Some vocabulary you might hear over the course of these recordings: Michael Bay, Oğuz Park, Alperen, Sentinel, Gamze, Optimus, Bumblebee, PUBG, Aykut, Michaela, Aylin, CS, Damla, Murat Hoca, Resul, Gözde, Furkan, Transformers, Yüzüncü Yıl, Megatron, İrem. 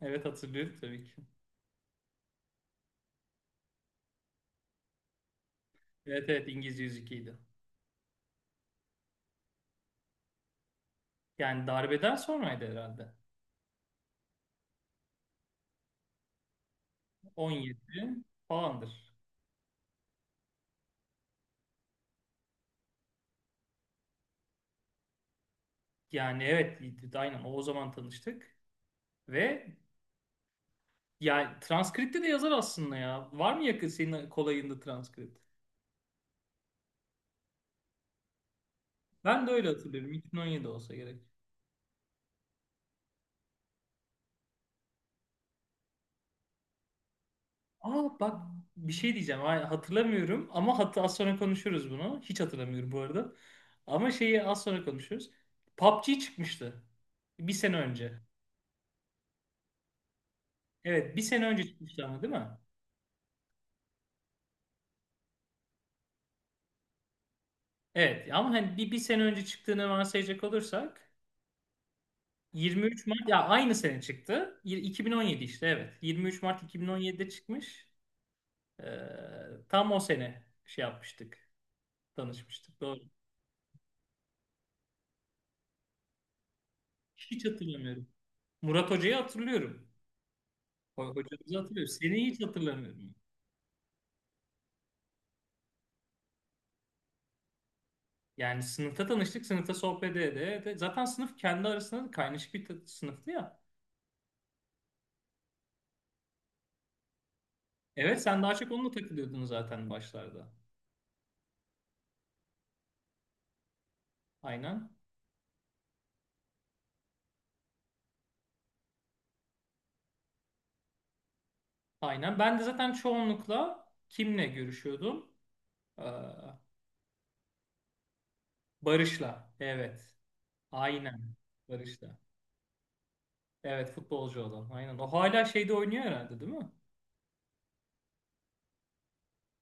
Evet hatırlıyorum tabii ki. Evet, evet, İngiliz 102'ydi. Yani darbeden sonraydı herhalde. 17 falandır. Yani evet aynen o zaman tanıştık. Ve yani transkripte de yazar aslında ya. Var mı yakın senin kolayında transkript? Ben de öyle hatırlıyorum. 2017 olsa gerek. Aa bak, bir şey diyeceğim. Ay, Hatırlamıyorum ama az sonra konuşuruz bunu. Hiç hatırlamıyorum bu arada. Ama şeyi az sonra konuşuruz. PUBG çıkmıştı. Bir sene önce. Evet bir sene önce çıkmıştı ama, değil mi? Evet ama hani bir sene önce çıktığını varsayacak olursak 23 Mart ya aynı sene çıktı. 2017 işte, evet. 23 Mart 2017'de çıkmış. Tam o sene şey yapmıştık. Tanışmıştık. Doğru. Hiç hatırlamıyorum. Murat Hoca'yı hatırlıyorum. Hocamızı hatırlıyorum. Seni hiç hatırlamıyorum. Yani sınıfta tanıştık. Sınıfta sohbet ede ede. Zaten sınıf kendi arasında da kaynaşık bir sınıftı ya. Evet sen daha çok onunla takılıyordun zaten başlarda. Aynen. Aynen. Ben de zaten çoğunlukla kimle görüşüyordum? Ee, Barış'la. Evet. Aynen. Barış'la. Evet, futbolcu olan. Aynen. O hala şeyde oynuyor herhalde, değil mi?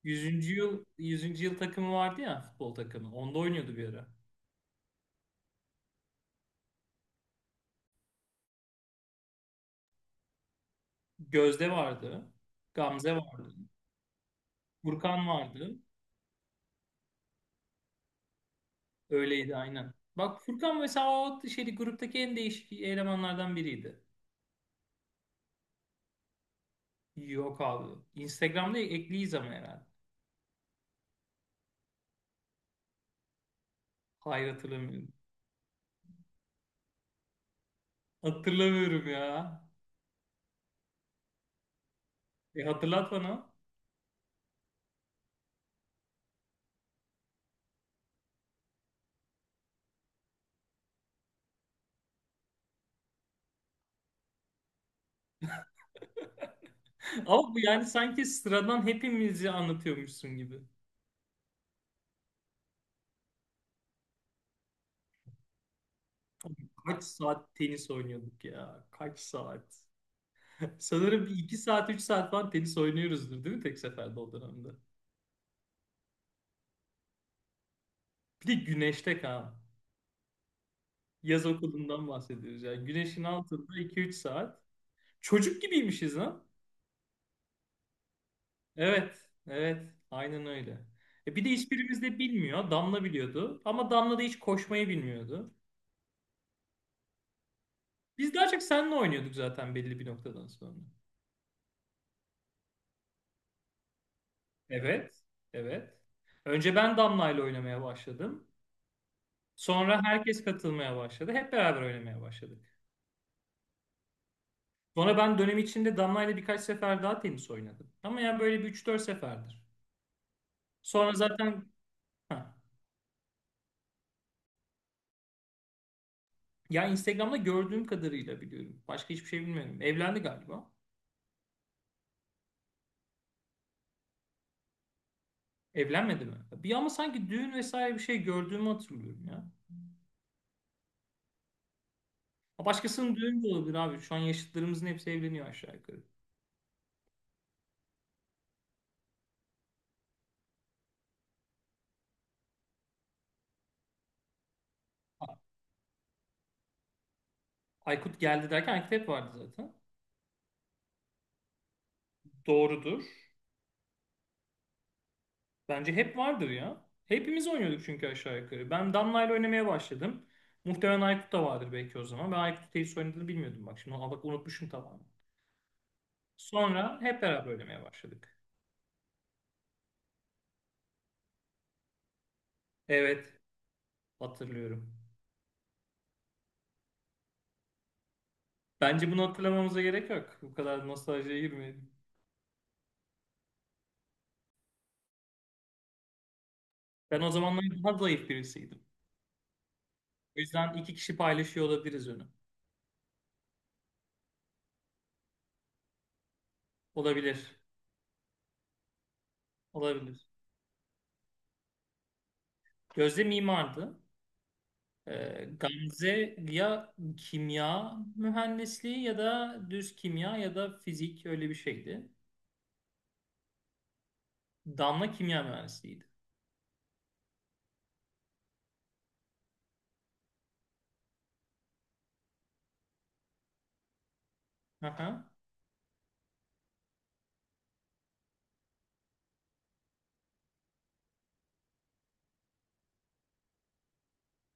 Yüzüncü Yıl takımı vardı ya, futbol takımı. Onda oynuyordu bir ara. Gözde vardı. Gamze vardı. Furkan vardı. Öyleydi aynen. Bak Furkan mesela, o şeydi, gruptaki en değişik elemanlardan biriydi. Yok abi. Instagram'da ekliyiz ama herhalde. Hayır, hatırlamıyorum. Hatırlamıyorum ya. E hatırlat bana. Ama bu yani sanki sıradan hepimizi anlatıyormuşsun gibi. Kaç saat tenis oynuyorduk ya? Kaç saat? Sanırım bir iki saat, üç saat falan tenis oynuyoruzdur, değil mi, tek seferde o dönemde? Bir de güneşte kan. Yaz okulundan bahsediyoruz. Yani güneşin altında iki üç saat. Çocuk gibiymişiz lan. Evet, evet. Aynen öyle. E bir de hiçbirimiz de bilmiyor. Damla biliyordu. Ama Damla da hiç koşmayı bilmiyordu. Biz daha çok seninle oynuyorduk zaten belli bir noktadan sonra. Evet, evet. Önce ben Damla'yla oynamaya başladım. Sonra herkes katılmaya başladı. Hep beraber oynamaya başladık. Sonra ben dönem içinde Damla'yla birkaç sefer daha tenis oynadım. Ama yani böyle bir üç dört seferdir. Sonra zaten ha, ya Instagram'da gördüğüm kadarıyla biliyorum. Başka hiçbir şey bilmiyorum. Evlendi galiba. Evlenmedi mi? Bir ama sanki düğün vesaire bir şey gördüğümü hatırlıyorum ya. Ha, başkasının düğünü de olabilir abi. Şu an yaşıtlarımızın hepsi evleniyor aşağı yukarı. Aykut geldi derken Aykut hep vardı zaten. Doğrudur. Bence hep vardır ya. Hepimiz oynuyorduk çünkü aşağı yukarı. Ben Damla ile oynamaya başladım. Muhtemelen Aykut da vardır belki o zaman. Ben Aykut tenis oynadığını bilmiyordum bak. Şimdi bak, unutmuşum tamamen. Sonra hep beraber oynamaya başladık. Evet, hatırlıyorum. Bence bunu hatırlamamıza gerek yok. Bu kadar nostaljiye girmeyelim. Ben o zamanlar daha zayıf birisiydim. O yüzden iki kişi paylaşıyor olabiliriz önü. Olabilir. Olabilir. Gözde mimardı. Gamze ya kimya mühendisliği ya da düz kimya ya da fizik, öyle bir şeydi. Damla kimya mühendisliğiydi. Aha.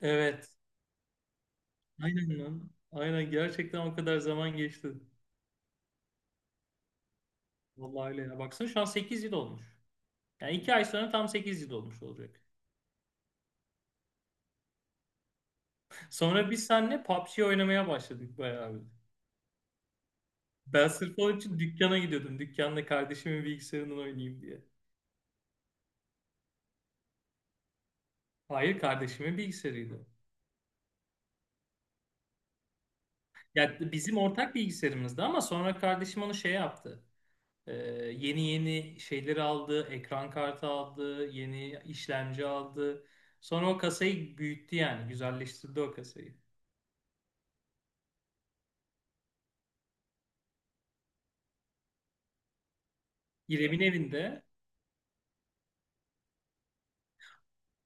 Evet. Aynen lan. Aynen, gerçekten o kadar zaman geçti. Vallahi öyle ya. Baksana, şu an 8 yıl olmuş. Yani 2 ay sonra tam 8 yıl olmuş olacak. Sonra biz seninle PUBG oynamaya başladık bayağı bir. Ben sırf onun için dükkana gidiyordum. Dükkanda kardeşimin bilgisayarından oynayayım diye. Hayır, kardeşimin bilgisayarıydı. Ya bizim ortak bilgisayarımızdı ama sonra kardeşim onu şey yaptı. Ee, Yeni yeni şeyleri aldı, ekran kartı aldı, yeni işlemci aldı. Sonra o kasayı büyüttü yani, güzelleştirdi o kasayı. İrem'in evinde.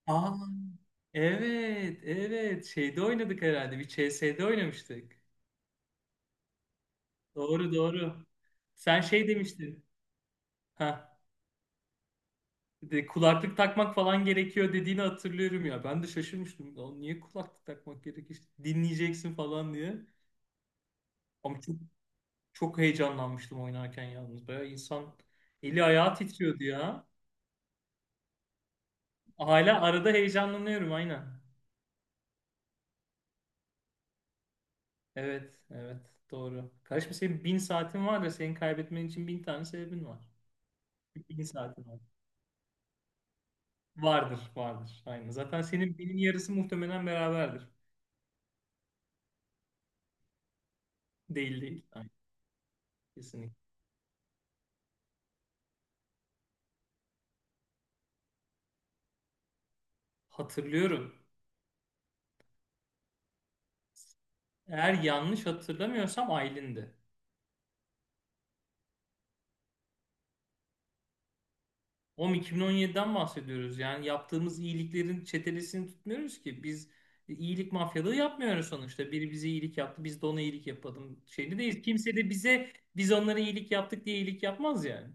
Aa, evet, evet. Şeyde oynadık herhalde, bir CS'de oynamıştık. Doğru, doğru. Sen şey demiştin. Ha, de kulaklık takmak falan gerekiyor dediğini hatırlıyorum ya. Ben de şaşırmıştım. "Lan, niye kulaklık takmak gerekir? Dinleyeceksin" falan diye. Ama çok, çok heyecanlanmıştım oynarken yalnız. Bayağı insan eli ayağı titriyordu ya. Hala arada heyecanlanıyorum aynen. Evet, evet, doğru. Kardeşim, senin bin saatin var da senin kaybetmen için bin tane sebebin var. Bin saatin var. Vardır, vardır. Aynen. Zaten senin binin yarısı muhtemelen beraberdir. Değil, değil. Aynen, kesinlikle. Hatırlıyorum. Eğer yanlış hatırlamıyorsam Aylin'di. Oğlum 2017'den bahsediyoruz. Yani yaptığımız iyiliklerin çetelesini tutmuyoruz ki. Biz iyilik mafyalığı yapmıyoruz sonuçta. Biri bize iyilik yaptı, biz de ona iyilik yapalım şeyinde değiliz. Kimse de bize biz onlara iyilik yaptık diye iyilik yapmaz yani.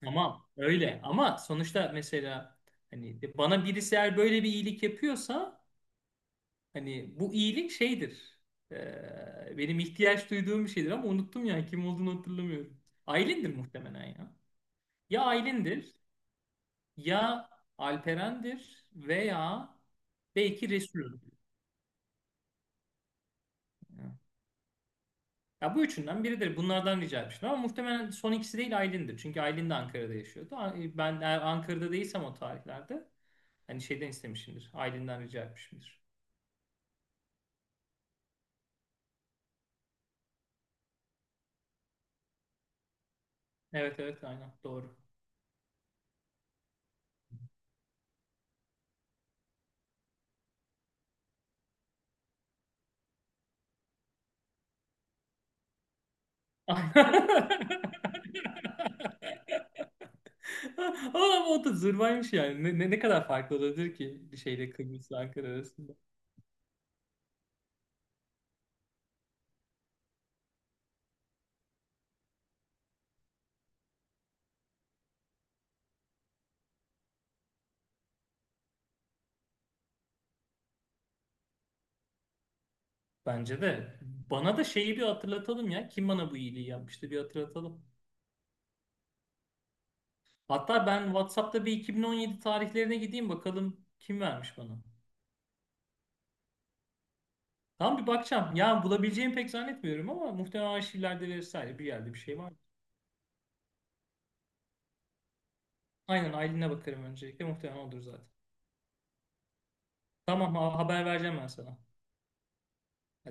Tamam öyle ama sonuçta mesela hani bana birisi eğer böyle bir iyilik yapıyorsa hani bu iyilik şeydir. Benim ihtiyaç duyduğum bir şeydir ama unuttum ya, kim olduğunu hatırlamıyorum. Aylin'dir muhtemelen ya. Ya Aylin'dir, ya Alperen'dir veya belki Resul'dür. Ya bu üçünden biridir. Bunlardan rica etmiştim ama muhtemelen son ikisi değil, Aylin'dir. Çünkü Aylin de Ankara'da yaşıyordu. Ben eğer Ankara'da değilsem o tarihlerde hani şeyden istemişimdir. Aylin'den rica etmişimdir. Evet, evet, aynen doğru. Ama o da zırvaymış yani. Ne kadar farklı olabilir ki şeyle, Kıbrıs'la Ankara arasında. Bence de. Bana da şeyi bir hatırlatalım ya. Kim bana bu iyiliği yapmıştı bir hatırlatalım. Hatta ben WhatsApp'ta bir 2017 tarihlerine gideyim bakalım kim vermiş bana. Tamam, bir bakacağım. Ya bulabileceğimi pek zannetmiyorum ama muhtemelen arşivlerde vesaire bir yerde bir şey var. Aynen, Aylin'e bakarım öncelikle. Muhtemelen odur zaten. Tamam, haber vereceğim ben sana. Hadi